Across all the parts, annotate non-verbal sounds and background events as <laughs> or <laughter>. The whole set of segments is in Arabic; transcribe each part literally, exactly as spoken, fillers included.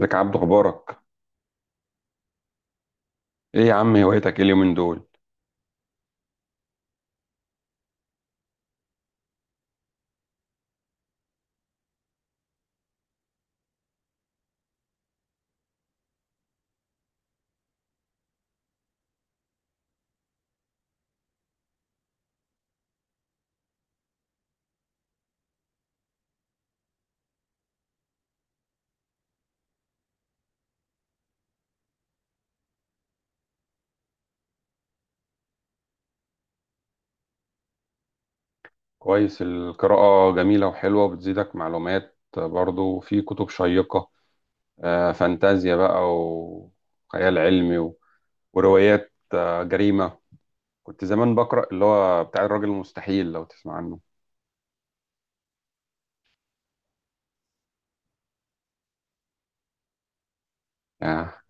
ازيك يا عبدو، اخبارك؟ ايه يا عم، هوايتك ايه اليومين دول؟ كويس، القراءة جميلة وحلوة وبتزيدك معلومات برضو، في كتب شيقة. آه، فانتازيا بقى وخيال علمي و- وروايات آه، جريمة. كنت زمان بقرأ اللي هو بتاع الراجل المستحيل، لو تسمع عنه. آه،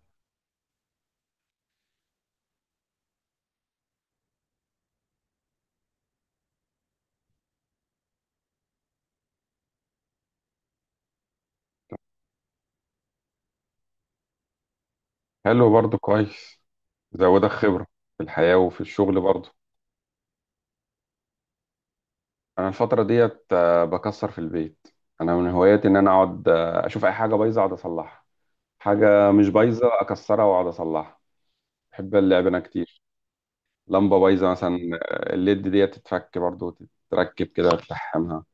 حلو برضو كويس. زودك خبرة في الحياة وفي الشغل برضو. أنا الفترة ديت آه، بكسر في البيت. أنا من هواياتي إن أنا أقعد آه، أشوف أي حاجة بايظة أقعد أصلحها. حاجة مش بايظة أكسرها وأقعد أصلحها. بحب اللعب أنا كتير. لمبة بايظة مثلا، آه، الليد ديت تتفك برضه وتتركب كده وتلحمها.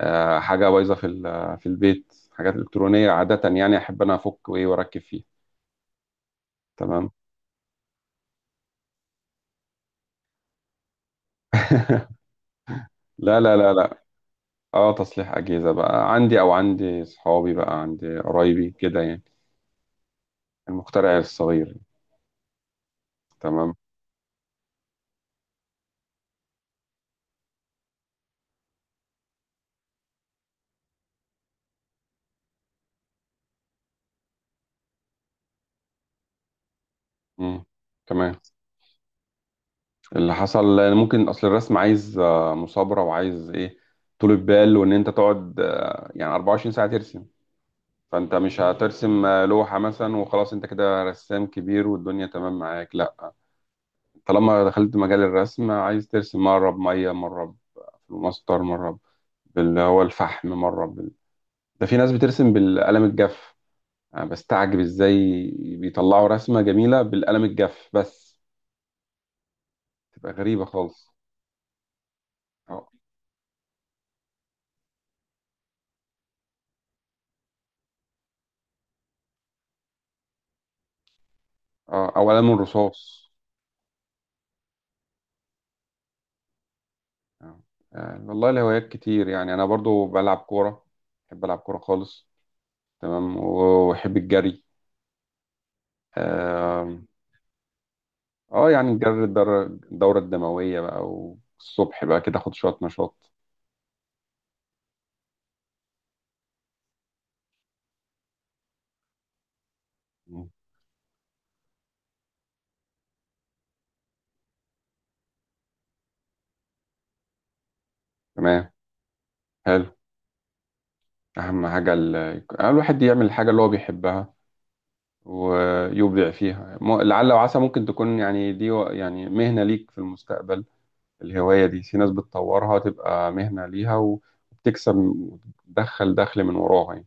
آه، حاجة بايظة في ال- في البيت، حاجات إلكترونية عادة يعني أحب أنا أفك وإيه وأركب فيها. تمام. <laughs> لا لا لا لا. اه، تصليح أجهزة بقى عندي، أو عندي صحابي بقى، عندي قرايبي كده يعني. المخترع الصغير. تمام. مم. تمام. اللي حصل لأن ممكن اصل الرسم عايز آه، مثابره، وعايز ايه، طولة بال، وان انت تقعد آه، يعني أربعة وعشرين ساعه ترسم. فانت مش هترسم آه، لوحه مثلا وخلاص انت كده رسام كبير والدنيا تمام معاك، لا. طالما دخلت مجال الرسم، عايز ترسم مره بميه، مره بفلوماستر، مره باللي هو الفحم، مره بال... ده في ناس بترسم بالقلم الجاف. انا بستعجب ازاي بيطلعوا رسمه جميله بالقلم الجاف بس. تبقى غريبه خالص. اه، آه، او قلم الرصاص. آه. آه، والله الهوايات كتير، يعني انا برضو بلعب كوره. بحب العب كوره خالص. تمام، و- واحب الجري. اه، آه، يعني الجري، الدر- الدوره الدمويه بقى، والصبح بقى كده اخد شويه نشاط. مم. تمام. حلو. اهم حاجه ال... آه، الواحد يعمل الحاجه اللي هو بيحبها ويبدع فيها، م- لعل وعسى ممكن تكون يعني دي و- يعني مهنه ليك في المستقبل. الهوايه دي في ناس بتطورها تبقى مهنه ليها و- وبتكسب وتدخل دخل من وراها يعني.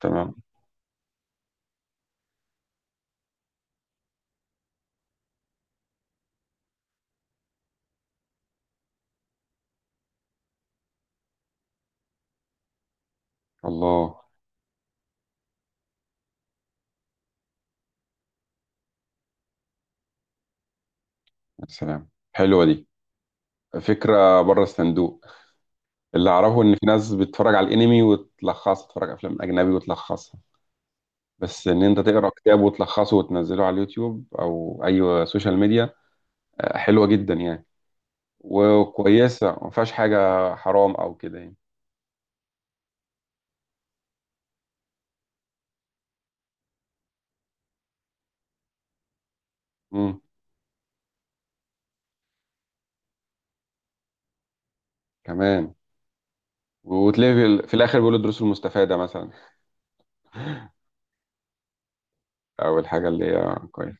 تمام. الله. يا سلام، حلوة دي، فكرة بره الصندوق. اللي أعرفه إن في ناس بتتفرج على الأنمي وتلخصها، تتفرج على أفلام أجنبي وتلخصها. بس إن أنت تقرأ كتاب وتلخصه وتنزله على اليوتيوب أو أي سوشيال ميديا، آه، حلوة جدا يعني. وكويسة، ما فيهاش حاجة حرام أو كده يعني. مم. كمان، وتلاقي في ال- في الآخر بيقولوا الدروس المستفادة مثلا، أو الحاجة اللي هي كويسة.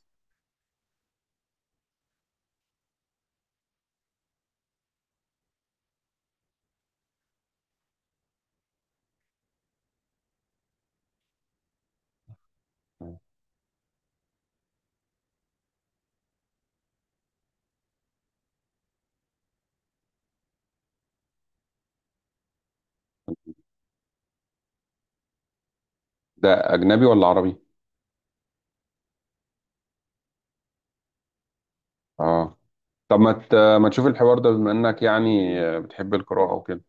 ده أجنبي ولا عربي؟ آه. طب ما ت- ما تشوف الحوار ده، بما انك يعني بتحب القراءة وكده.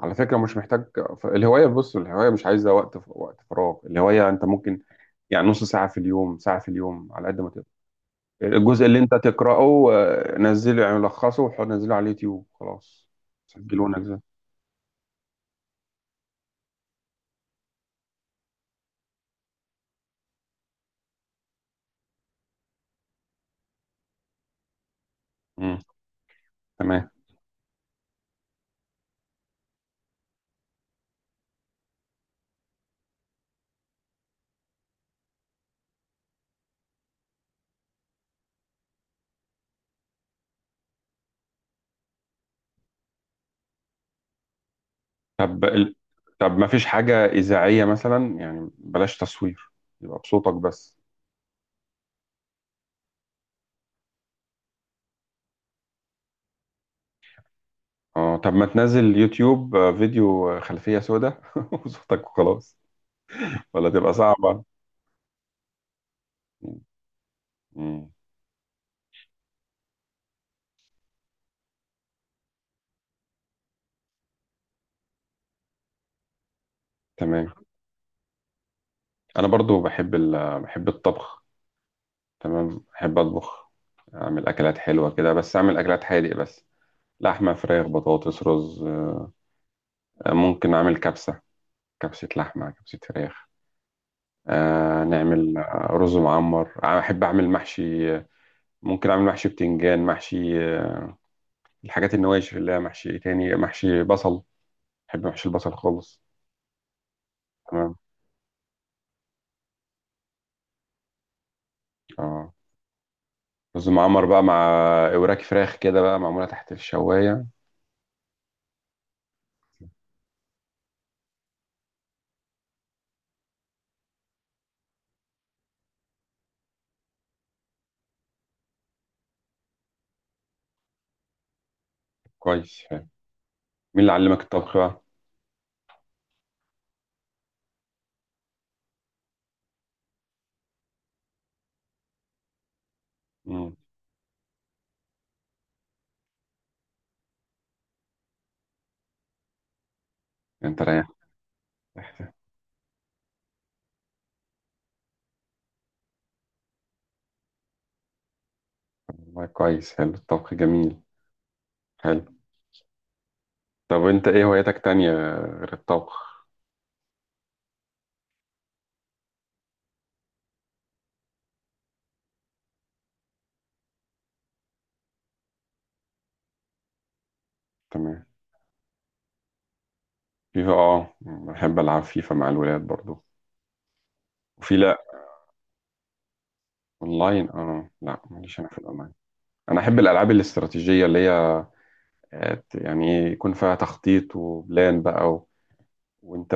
على فكرة مش محتاج، ف- الهواية، بص، الهواية مش عايزة وقت، وقت فراغ، الهواية انت ممكن يعني نص ساعة في اليوم، ساعة في اليوم، على قد ما تقدر، الجزء اللي انت تقرأه آه، نزله، يعني لخصه وح- نزله على اليوتيوب خلاص، سجله ونزله. امم. تمام. طب ال... طب ما فيش حاجة إذاعية مثلا، يعني بلاش تصوير، يبقى بصوتك بس. اه، طب ما تنزل يوتيوب، آه، فيديو، آه، خلفية سوداء <laughs> وصوتك وخلاص. ولا تبقى صعبة؟ مم. تمام. أنا برضو بحب ال... بحب الطبخ. تمام، بحب أطبخ. أعمل أكلات حلوة كده، بس أعمل أكلات حادق بس. لحمة، فراخ، بطاطس، رز. آه، ممكن أعمل كبسة، كبسة لحمة، كبسة فراخ. آه نعمل آه، رز معمر. آه، أحب أعمل محشي. آه، ممكن أعمل محشي بتنجان، محشي آه، الحاجات النواشف، اللي هي محشي إيه تاني، محشي بصل. بحب محشي البصل خالص. تمام. اه رز معمر بقى، مع وراك فراخ كده بقى معمولة تحت الشواية. كويس حلو. مين اللي علمك الطبخ بقى؟ مم. انت رايح. والله كويس، حلو الطبخ جميل. حلو. طب انت ايه هواياتك تانية غير الطبخ؟ تمام. فيفا، اه، بحب العب فيفا مع الولاد برضو. وفي لا. اونلاين، اه لا، ماليش انا في الاونلاين. انا احب الالعاب الاستراتيجية، اللي هي آه، يعني ايه، يكون فيها تخطيط وبلان بقى و... وانت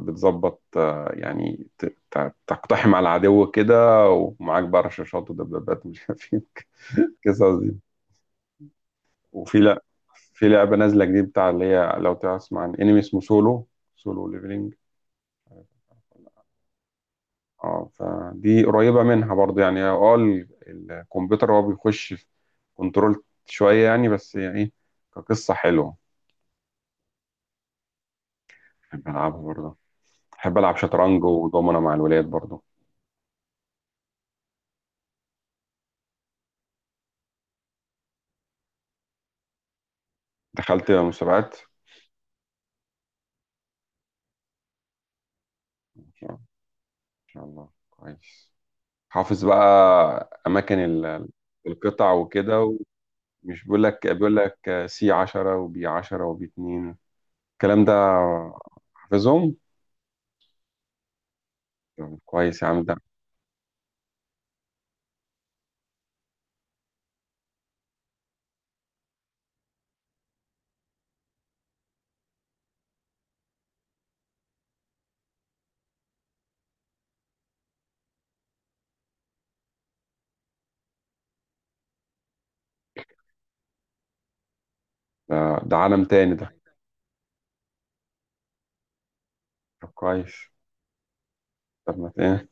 بتظبط آه، يعني ت- ت- تقتحم على العدو كده، ومعاك بقى رشاشات ودبابات، مش عارف ايه. <laughs> القصص دي. وفي لا، في لعبة نازلة جديد بتاع، اللي هي، لو تسمع عن انمي اسمه سولو، سولو ليفلينج. اه، فدي قريبة منها برضه، يعني اه ال- الكمبيوتر هو بيخش في كنترول شوية، يعني بس يعني ايه، كقصة حلوة. بحب ألعبها برضه. بحب ألعب شطرنج ودومنا مع الولاد برضه. دخلت مسابقات. إن شاء إن شاء الله كويس. حافظ بقى أماكن ال- القطع وكده. ومش بيقول لك بيقول لك سي عشرة وبي عشرة وبي اثنين، الكلام ده، حافظهم. طب كويس يا عم ده. ده, ده عالم تاني ده. طب كويس. طب ما ايه.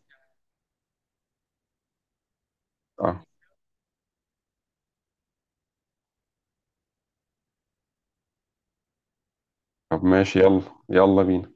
اه طب ماشي، يلا، يلا بينا.